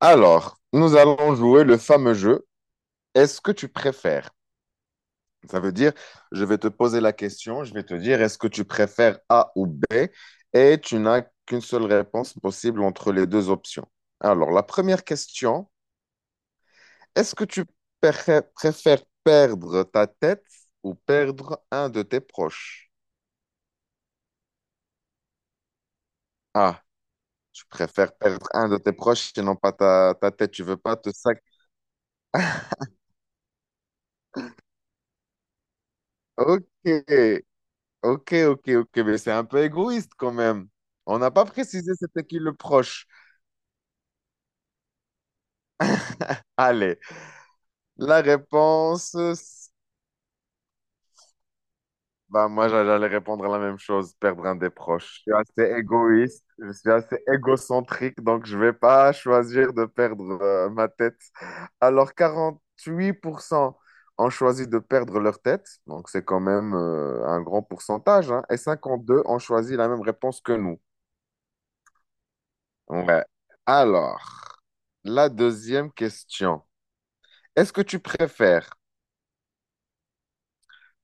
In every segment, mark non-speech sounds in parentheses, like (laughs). Alors, nous allons jouer le fameux jeu. Est-ce que tu préfères? Ça veut dire, je vais te poser la question, je vais te dire, est-ce que tu préfères A ou B? Et tu n'as qu'une seule réponse possible entre les deux options. Alors, la première question, est-ce que tu préfères perdre ta tête ou perdre un de tes proches? Ah, tu préfères perdre un de tes proches et non pas ta tête. Tu veux pas te sac. (laughs) Ok. Ok, ok, ok, mais c'est un peu égoïste quand même. On n'a pas précisé c'était qui le proche. Allez, la réponse, c'est- bah moi j'allais répondre à la même chose, perdre un des proches. Je suis assez égoïste, je suis assez égocentrique, donc je vais pas choisir de perdre ma tête. Alors 48% ont choisi de perdre leur tête, donc c'est quand même un grand pourcentage, hein, et deux ont choisi la même réponse que nous. Ouais. Alors. La deuxième question. Est-ce que tu préfères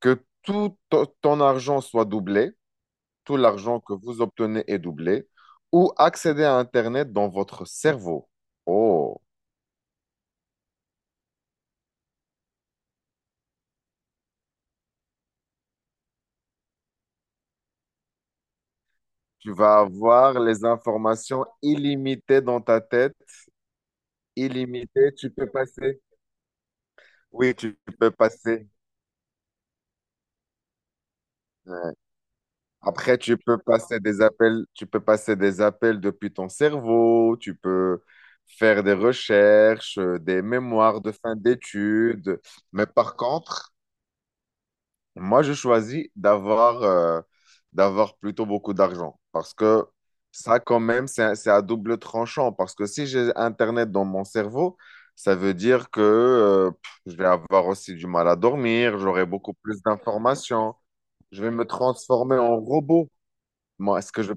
que tout ton argent soit doublé, tout l'argent que vous obtenez est doublé, ou accéder à Internet dans votre cerveau? Oh, tu vas avoir les informations illimitées dans ta tête, illimitées. Tu peux passer. Oui, tu peux passer. Après, tu peux passer des appels, tu peux passer des appels depuis ton cerveau, tu peux faire des recherches, des mémoires de fin d'études. Mais par contre, moi, je choisis d'avoir d'avoir plutôt beaucoup d'argent parce que ça, quand même, c'est à double tranchant. Parce que si j'ai Internet dans mon cerveau, ça veut dire que je vais avoir aussi du mal à dormir, j'aurai beaucoup plus d'informations, je vais me transformer en robot. Moi, est-ce que je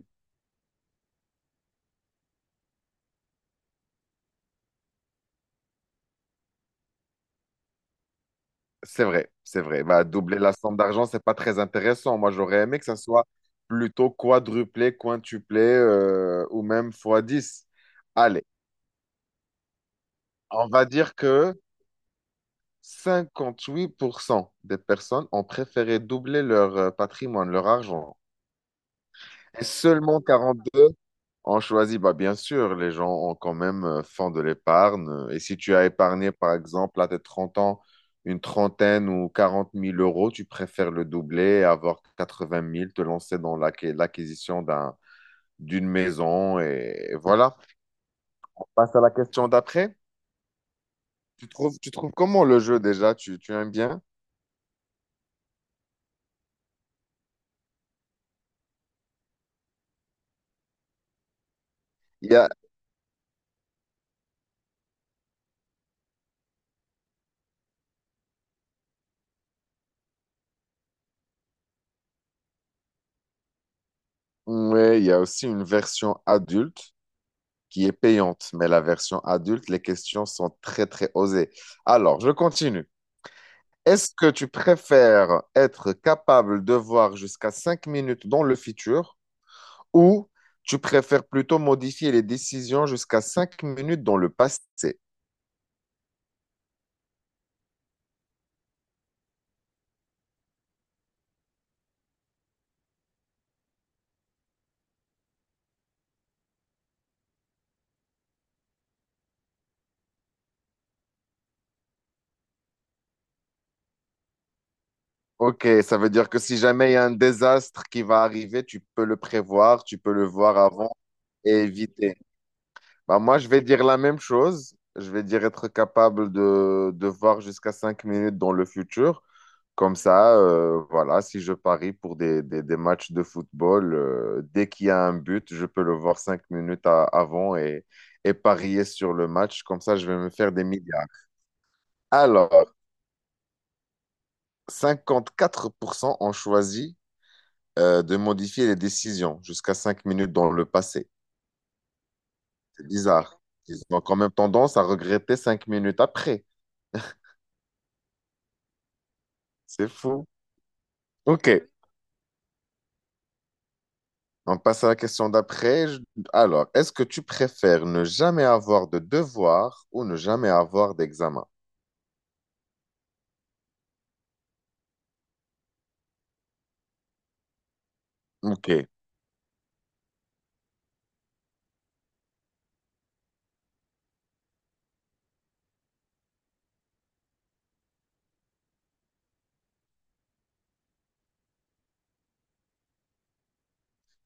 c'est vrai, c'est vrai. Bah, doubler la somme d'argent, c'est pas très intéressant. Moi, j'aurais aimé que ça soit plutôt quadruplé, quintuplé ou même fois 10. Allez, on va dire que 58% des personnes ont préféré doubler leur patrimoine, leur argent. Et seulement 42 on choisit, bah bien sûr, les gens ont quand même font de l'épargne. Et si tu as épargné, par exemple, à tes 30 ans, une trentaine ou 40 000 euros, tu préfères le doubler et avoir 80 000, te lancer dans l'acquisition d'un, d'une maison. Et voilà. On passe à la question d'après. Tu trouves comment le jeu déjà? Tu aimes bien? Il y a, ouais, il y a aussi une version adulte qui est payante, mais la version adulte, les questions sont très, très osées. Alors, je continue. Est-ce que tu préfères être capable de voir jusqu'à 5 minutes dans le futur ou tu préfères plutôt modifier les décisions jusqu'à 5 minutes dans le passé? Ok, ça veut dire que si jamais il y a un désastre qui va arriver, tu peux le prévoir, tu peux le voir avant et éviter. Bah, moi, je vais dire la même chose. Je vais dire être capable de voir jusqu'à 5 minutes dans le futur. Comme ça, voilà, si je parie pour des, des matchs de football, dès qu'il y a un but, je peux le voir 5 minutes avant et parier sur le match. Comme ça, je vais me faire des milliards. Alors, 54% ont choisi de modifier les décisions jusqu'à 5 minutes dans le passé. C'est bizarre. Ils ont quand même tendance à regretter 5 minutes après. C'est fou. Ok, on passe à la question d'après. Je- Alors, est-ce que tu préfères ne jamais avoir de devoirs ou ne jamais avoir d'examen? Ok.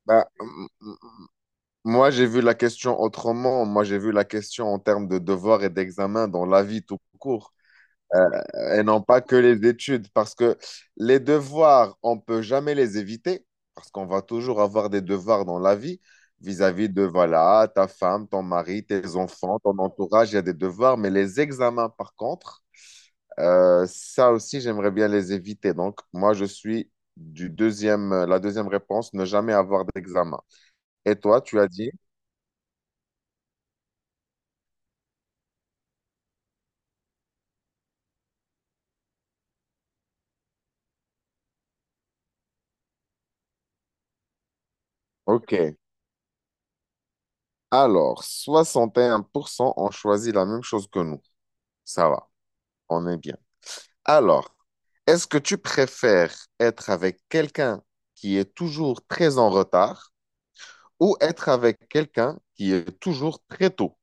Bah, moi, j'ai vu la question autrement. Moi, j'ai vu la question en termes de devoirs et d'examens dans la vie tout court. Et non pas que les études, parce que les devoirs, on peut jamais les éviter, parce qu'on va toujours avoir des devoirs dans la vie vis-à-vis de, voilà, ta femme, ton mari, tes enfants, ton entourage, il y a des devoirs, mais les examens, par contre, ça aussi, j'aimerais bien les éviter. Donc, moi, je suis du deuxième, la deuxième réponse, ne jamais avoir d'examen. Et toi, tu as dit? OK. Alors, 61% ont choisi la même chose que nous. Ça va, on est bien. Alors, est-ce que tu préfères être avec quelqu'un qui est toujours très en retard ou être avec quelqu'un qui est toujours très tôt?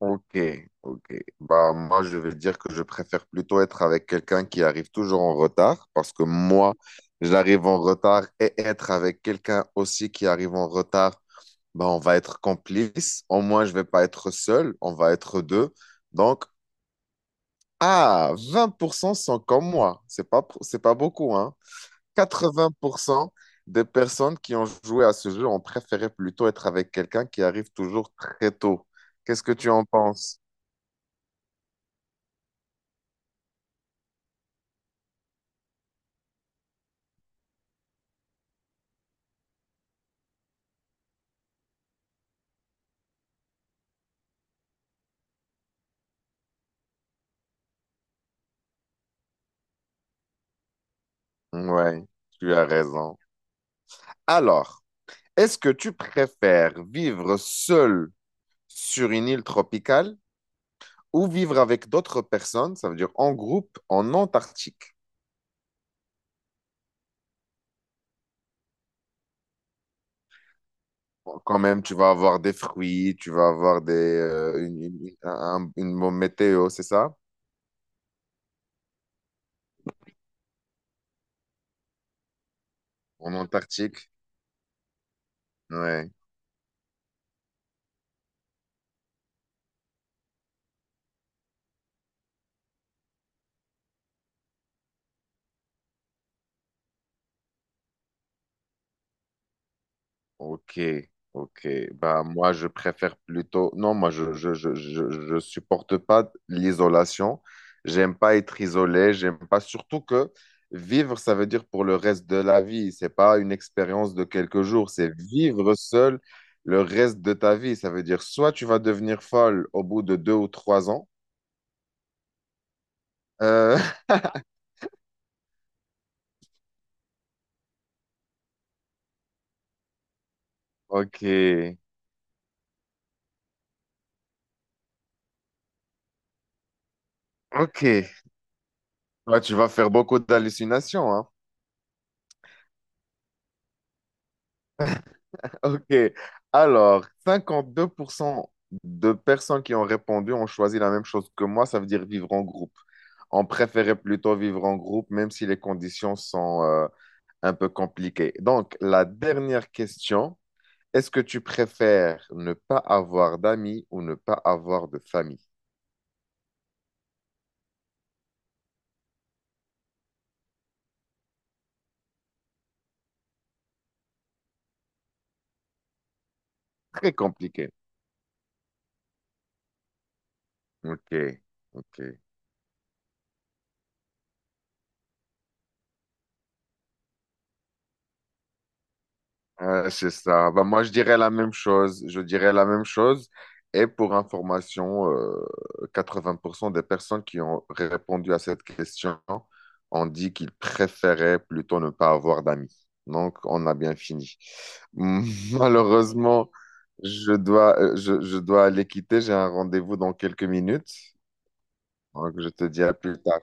Ok, ok. Bah, moi, je vais dire que je préfère plutôt être avec quelqu'un qui arrive toujours en retard parce que moi, j'arrive en retard et être avec quelqu'un aussi qui arrive en retard, bah, on va être complice. Au moins, je vais pas être seul, on va être deux. Donc, ah, 20%, sont comme moi. C'est pas beaucoup, hein? 80% des personnes qui ont joué à ce jeu ont préféré plutôt être avec quelqu'un qui arrive toujours très tôt. Qu'est-ce que tu en penses? Ouais, tu as raison. Alors, est-ce que tu préfères vivre seul sur une île tropicale ou vivre avec d'autres personnes, ça veut dire en groupe, en Antarctique? Bon, quand même, tu vas avoir des fruits, tu vas avoir des, une, une bonne météo, c'est ça? En Antarctique? Ouais. Ok, ok. Bah, moi, je préfère plutôt. Non, moi, je supporte pas l'isolation. J'aime pas être isolé. J'aime pas. Surtout que vivre, ça veut dire pour le reste de la vie. C'est pas une expérience de quelques jours. C'est vivre seul le reste de ta vie. Ça veut dire soit tu vas devenir folle au bout de 2 ou 3 ans. Euh, (laughs) ok, ok. Toi, tu vas faire beaucoup d'hallucinations, hein. Ok. Alors, 52% de personnes qui ont répondu ont choisi la même chose que moi, ça veut dire vivre en groupe. On préférait plutôt vivre en groupe, même si les conditions sont un peu compliquées. Donc, la dernière question, est-ce que tu préfères ne pas avoir d'amis ou ne pas avoir de famille? Très compliqué. Ok, ok. C'est ça. Bah, moi, je dirais la même chose. Je dirais la même chose. Et pour information, 80% des personnes qui ont répondu à cette question ont dit qu'ils préféraient plutôt ne pas avoir d'amis. Donc, on a bien fini. (laughs) Malheureusement, je dois, je dois aller quitter. J'ai un rendez-vous dans quelques minutes. Donc, je te dis à plus tard.